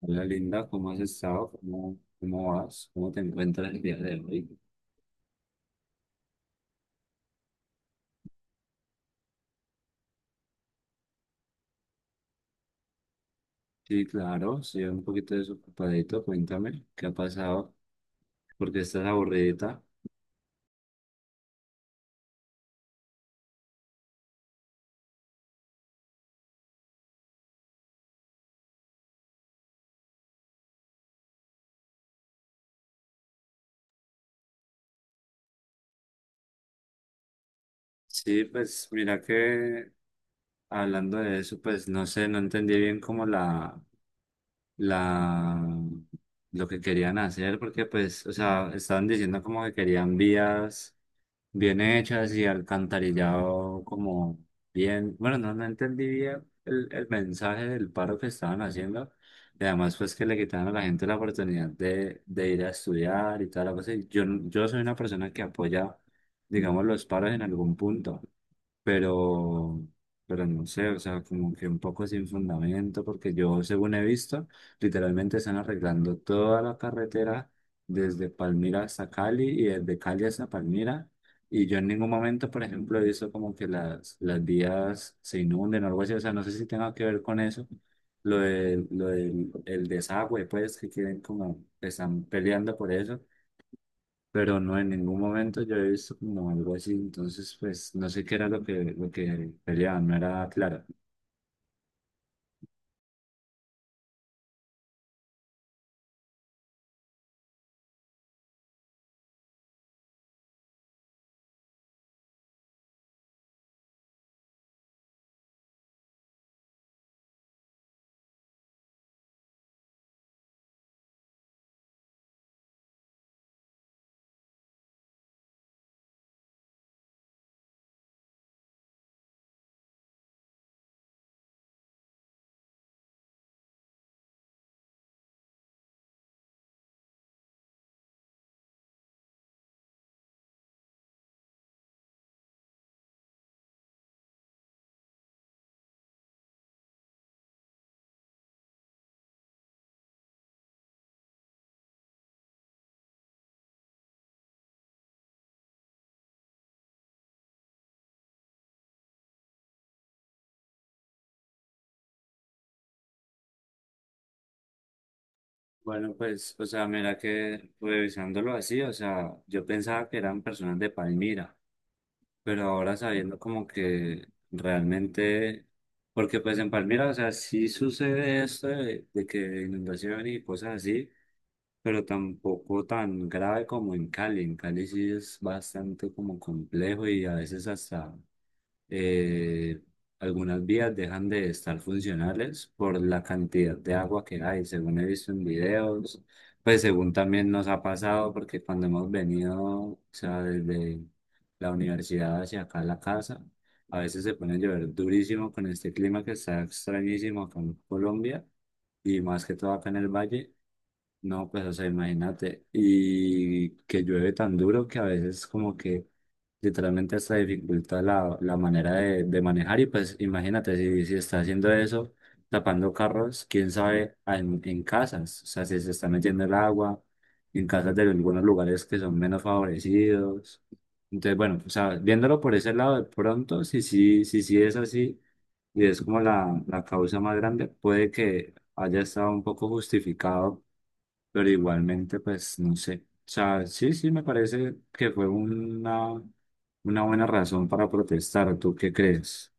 Hola Linda, ¿cómo has estado? ¿Cómo, cómo vas? ¿Cómo te encuentras el día de hoy? Sí, claro, soy un poquito desocupadito. Cuéntame, ¿qué ha pasado? ¿Por qué estás aburridita? Sí, pues mira que hablando de eso, pues no sé, no entendí bien como la, lo que querían hacer, porque pues, o sea, estaban diciendo como que querían vías bien hechas y alcantarillado como bien. Bueno, no, no entendí bien el mensaje del paro que estaban haciendo. Y además, pues que le quitaron a la gente la oportunidad de ir a estudiar y tal. Yo, no- Yo soy una persona que apoya, digamos, los paros en algún punto, pero, pero no sé, o sea, como que un poco sin fundamento, porque yo, según he visto, literalmente están arreglando toda la carretera desde Palmira hasta Cali y desde Cali hasta Palmira. Y yo en ningún momento, por ejemplo, he visto como que las vías se inunden o algo así, o sea, no sé si tenga que ver con eso. Lo del el desagüe, pues, que quieren como, están peleando por eso, pero no, en ningún momento yo he visto como algo así, entonces pues no sé qué era lo que peleaban, no era claro. Bueno, pues, o sea, mira que revisándolo así, o sea, yo pensaba que eran personas de Palmira, pero ahora sabiendo como que realmente, porque pues en Palmira, o sea, sí sucede esto de que inundación y cosas así, pero tampoco tan grave como en Cali. En Cali sí es bastante como complejo y a veces hasta eh, algunas vías dejan de estar funcionales por la cantidad de agua que hay, según he visto en videos, pues según también nos ha pasado, porque cuando hemos venido, o sea, desde la universidad hacia acá a la casa, a veces se pone a llover durísimo con este clima que está extrañísimo acá en Colombia y más que todo acá en el valle. No, pues, o sea, imagínate. Y que llueve tan duro que a veces como que literalmente hasta dificulta la manera de manejar. Y pues imagínate, si está haciendo eso, tapando carros, quién sabe en casas. O sea, si se está metiendo el agua en casas de algunos lugares que son menos favorecidos. Entonces, bueno, o sea, viéndolo por ese lado, de pronto, si sí, si, sí es así, y es como la causa más grande, puede que haya estado un poco justificado, pero igualmente, pues no sé. O sea, sí, sí, me parece que fue una buena razón para protestar. ¿Tú qué crees?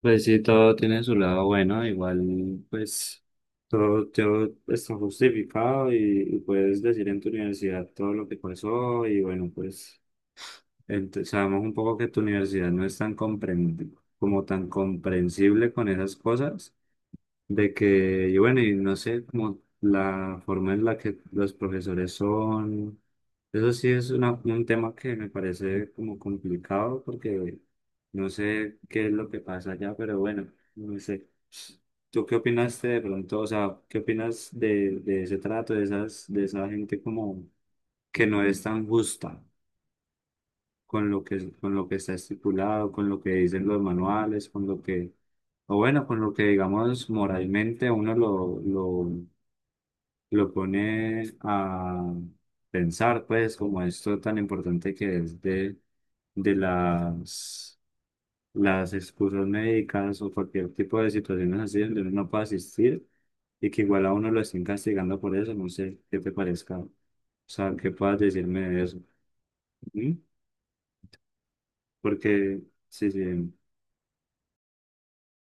Pues sí, todo tiene su lado bueno, igual pues todo está justificado, y puedes decir en tu universidad todo lo que pasó y bueno, pues sabemos un poco que tu universidad no es tan como tan comprensible con esas cosas, de que, y bueno, y no sé, como la forma en la que los profesores son, eso sí es un tema que me parece como complicado porque no sé qué es lo que pasa allá, pero bueno, no sé. ¿Tú qué opinaste de pronto? O sea, ¿qué opinas de ese trato, de esa gente como que no es tan justa, con con lo que está estipulado, con lo que dicen los manuales, con lo que, o bueno, con lo que digamos moralmente uno lo pone a pensar, pues, como esto tan importante que es de las excusas médicas o cualquier tipo de situaciones así donde uno no puede asistir y que igual a uno lo estén castigando por eso, no sé qué te parezca, o sea, qué puedas decirme de eso. ¿Mm? Porque sí, sí.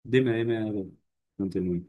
Dime algo. Continúe.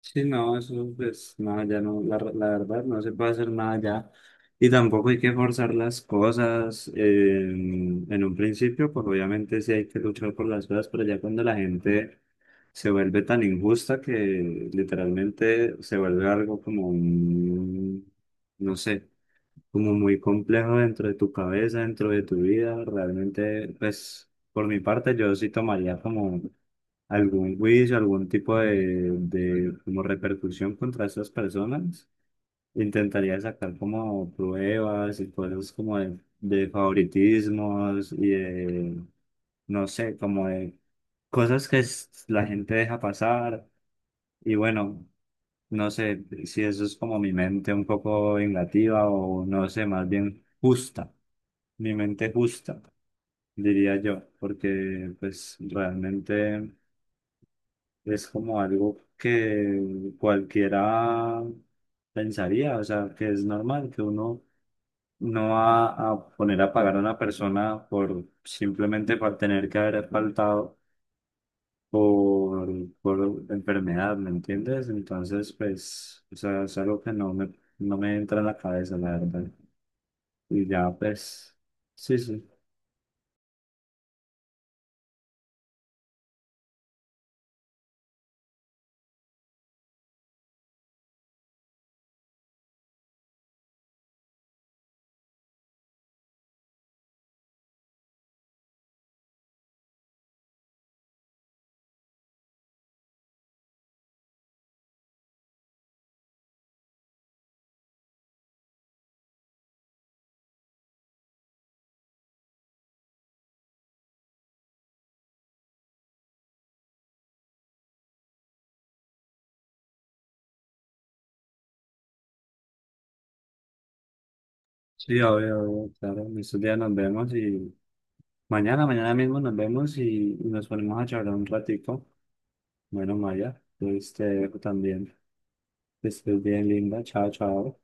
Sí, no, eso pues nada, ya no, la verdad no se puede hacer nada ya. Y tampoco hay que forzar las cosas, en un principio, pues obviamente sí hay que luchar por las cosas, pero ya cuando la gente se vuelve tan injusta que literalmente se vuelve algo como un, no sé, como muy complejo dentro de tu cabeza, dentro de tu vida, realmente pues por mi parte yo sí tomaría como algún juicio, algún tipo de como repercusión contra esas personas. Intentaría sacar como pruebas y cosas como de favoritismos y de, no sé, como de cosas que la gente deja pasar. Y bueno, no sé si eso es como mi mente un poco vengativa o no sé, más bien justa, mi mente justa, diría yo, porque pues realmente es como algo que cualquiera pensaría, o sea, que es normal que uno no va a poner a pagar a una persona por simplemente por tener que haber faltado por, por enfermedad, ¿me entiendes? Entonces, pues, o sea, es algo que no me entra en la cabeza, la verdad. Y ya, pues, sí, sí. Sí, obvio, obvio, claro, en estos días nos vemos y mañana mismo nos vemos y nos ponemos a charlar un ratico. Bueno, Maya, pues te dejo también. Que estés bien, linda. Chao, chao.